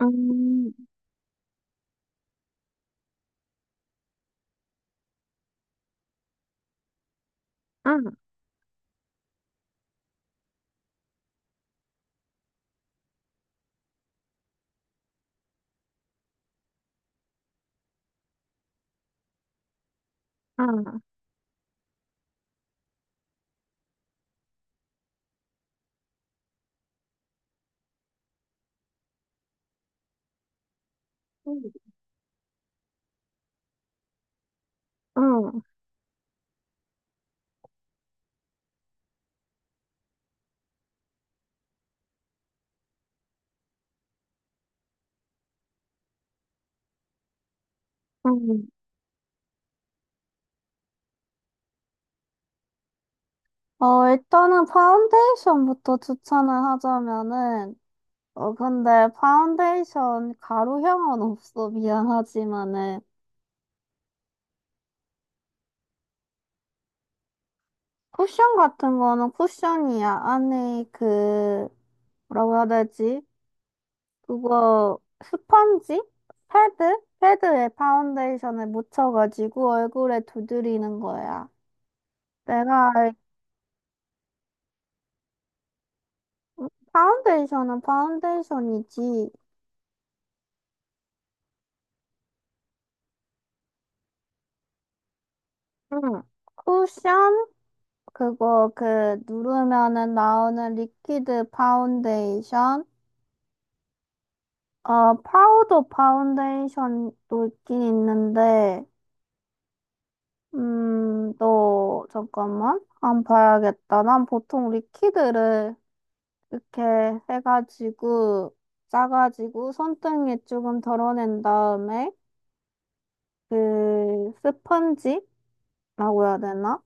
음, 아, 아, 어, 음, 어, 일단은 파운데이션부터 추천을 하자면은, 근데 파운데이션 가루형은 없어. 미안하지만은. 쿠션 같은 거는 쿠션이야. 안에 그, 뭐라고 해야 되지? 그거, 스펀지? 패드? 패드에 파운데이션을 묻혀가지고 얼굴에 두드리는 거야. 내가 알- 파운데이션은 파운데이션이지. 응. 쿠션? 그거 그 누르면은 나오는 리퀴드 파운데이션? 파우더 파운데이션도 있긴 있는데, 또, 잠깐만. 안 봐야겠다. 난 보통 리퀴드를 이렇게 해가지고, 짜가지고, 손등에 조금 덜어낸 다음에, 그, 스펀지라고 해야 되나?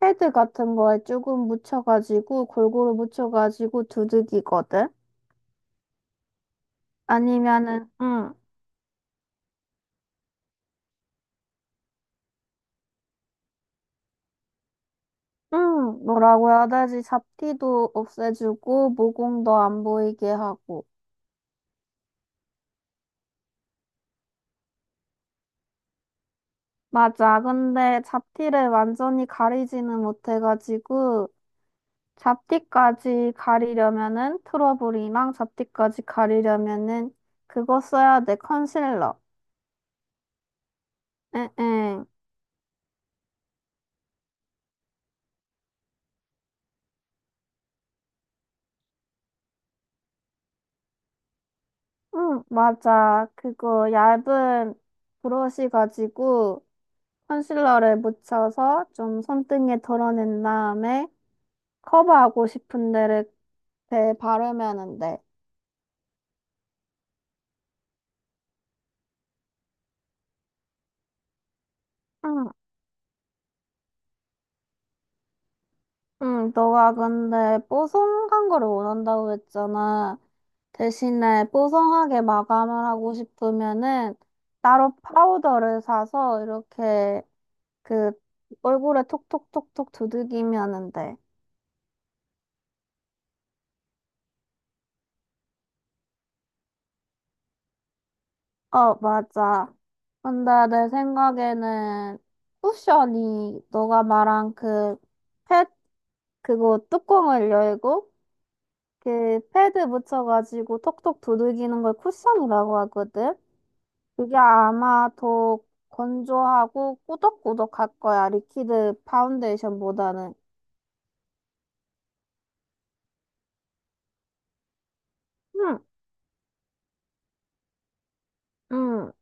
패드 같은 거에 조금 묻혀가지고 골고루 묻혀가지고 두들기거든. 아니면은 응, 응, 뭐라고 해야 되지? 잡티도 없애주고 모공도 안 보이게 하고. 맞아. 근데 잡티를 완전히 가리지는 못해가지고 잡티까지 가리려면은 트러블이랑 잡티까지 가리려면은 그거 써야 돼. 컨실러. 응응. 응, 응, 맞아. 그거 얇은 브러쉬 가지고 컨실러를 묻혀서 좀 손등에 덜어낸 다음에 커버하고 싶은 데를 대 바르면은 돼. 응, 응, 너가 근데 뽀송한 거를 원한다고 했잖아. 대신에 뽀송하게 마감을 하고 싶으면은 따로 파우더를 사서 이렇게 그 얼굴에 톡톡톡톡 두들기면은 돼. 어, 맞아. 근데 내 생각에는 쿠션이 너가 말한 패, 그거 뚜껑을 열고 그 패드 묻혀가지고 톡톡 두들기는 걸 쿠션이라고 하거든. 그게 아마 더 건조하고 꾸덕꾸덕할 거야. 리퀴드 파운데이션보다는. 응 응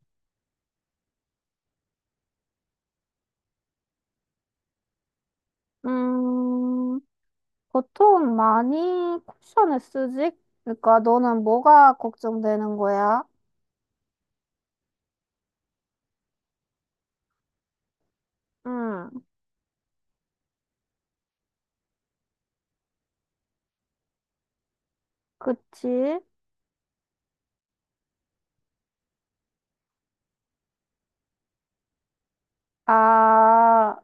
음. 보통 많이 쿠션을 쓰지? 그러니까 너는 뭐가 걱정되는 거야? 응 그치? 아,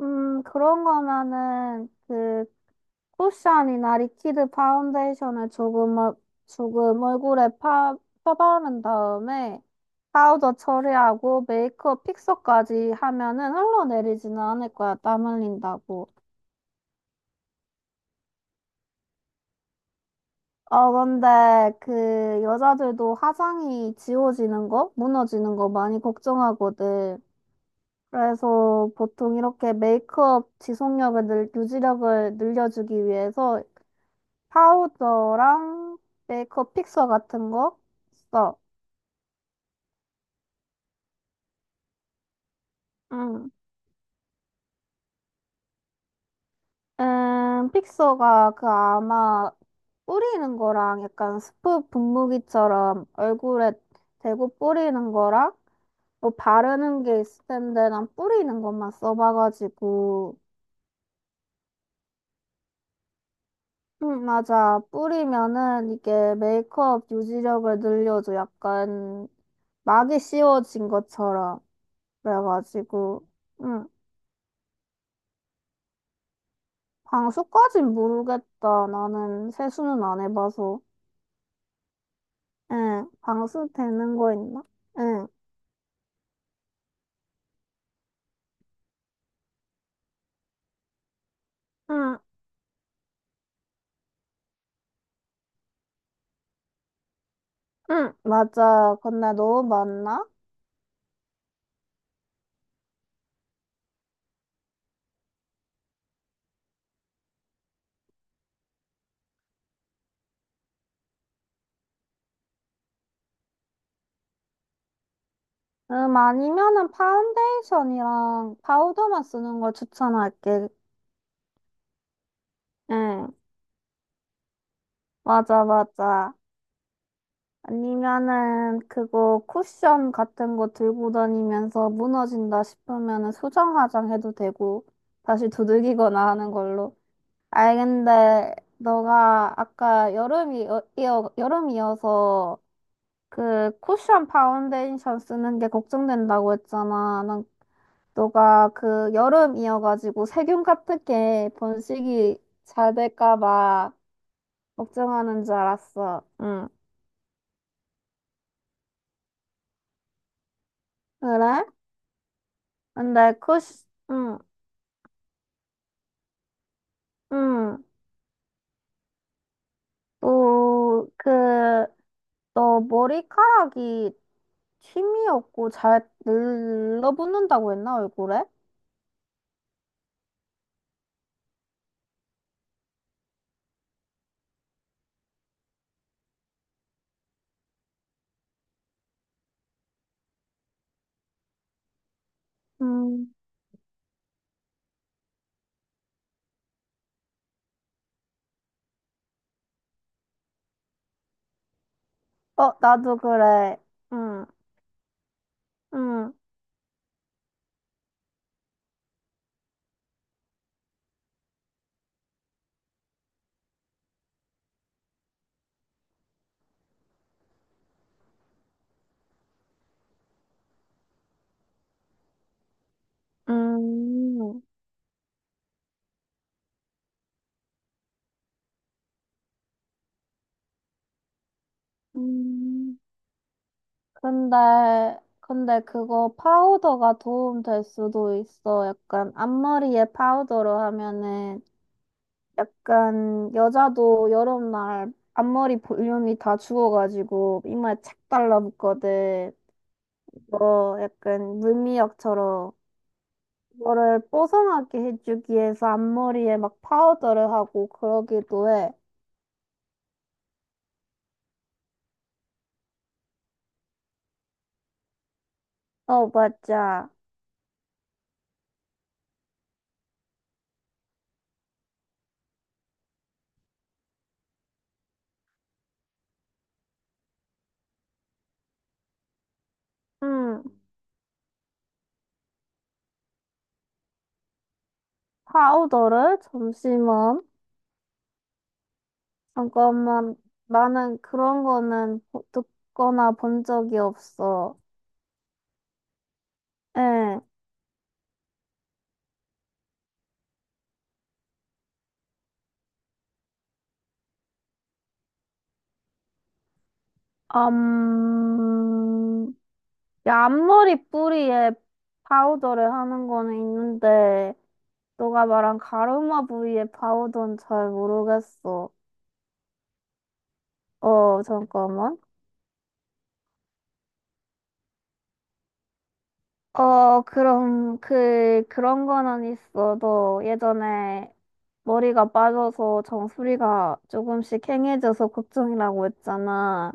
그런 거면은 그 쿠션이나 리퀴드 파운데이션을 조금, 조금 얼굴에 펴바른 다음에 파우더 처리하고 메이크업 픽서까지 하면은 흘러내리지는 않을 거야. 땀 흘린다고. 어, 근데 그 여자들도 화장이 지워지는 거, 무너지는 거 많이 걱정하거든. 그래서 보통 이렇게 메이크업 지속력을 유지력을 늘려주기 위해서 파우더랑 메이크업 픽서 같은 거 써. 응, 픽서가 그 아마 뿌리는 거랑 약간 스프 분무기처럼 얼굴에 대고 뿌리는 거랑 뭐 바르는 게 있을 텐데 난 뿌리는 것만 써봐가지고 응 맞아. 뿌리면은 이게 메이크업 유지력을 늘려줘. 약간 막이 씌워진 것처럼. 그래가지고 응 방수까진 모르겠다. 나는 세수는 안 해봐서. 응, 방수 되는 거 있나? 응, 응, 응, 맞아. 근데 너무 많나? 아니면은 파운데이션이랑 파우더만 쓰는 걸 추천할게. 응, 맞아, 맞아. 아니면은 그거 쿠션 같은 거 들고 다니면서 무너진다 싶으면은 수정 화장 해도 되고 다시 두들기거나 하는 걸로. 아이, 근데 너가 아까 여름이어서 그 쿠션 파운데이션 쓰는 게 걱정된다고 했잖아. 난 너가 그 여름이어가지고 세균 같은 게 번식이 잘 될까 봐 걱정하는 줄 알았어. 응. 그래? 근데 쿠션, 응, 응. 또, 그, 너 머리카락이 힘이 없고 잘 늘러붙는다고 했나, 얼굴에? 음. 어, 나도 그래. 응, 응, 음. 음. 근데, 근데 그거 파우더가 도움 될 수도 있어. 약간 앞머리에 파우더로 하면은 약간 여자도 여름날 앞머리 볼륨이 다 죽어가지고 이마에 착 달라붙거든. 뭐 약간 물미역처럼 그거를 뽀송하게 해주기 위해서 앞머리에 막 파우더를 하고 그러기도 해. 어, 맞아. 음, 파우더를 잠시만. 잠깐만, 나는 그런 거는 듣거나 본 적이 없어. 예, 음, 야, 앞머리 뿌리에 파우더를 하는 거는 있는데, 너가 말한 가르마 부위에 파우더는 잘 모르겠어. 어, 잠깐만. 어, 그럼, 그, 그런 거는 있어. 너 예전에 머리가 빠져서 정수리가 조금씩 캥해져서 걱정이라고 했잖아.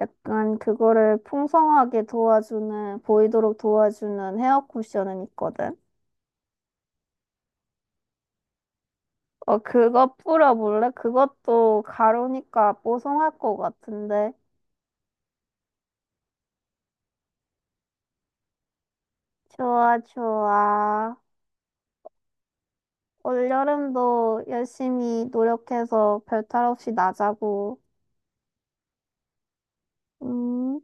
약간 그거를 풍성하게 도와주는, 보이도록 도와주는 헤어 쿠션은 있거든. 어, 그거 뿌려볼래? 그것도 가루니까 뽀송할 것 같은데. 좋아, 좋아. 올여름도 열심히 노력해서 별탈 없이 나자고. 음.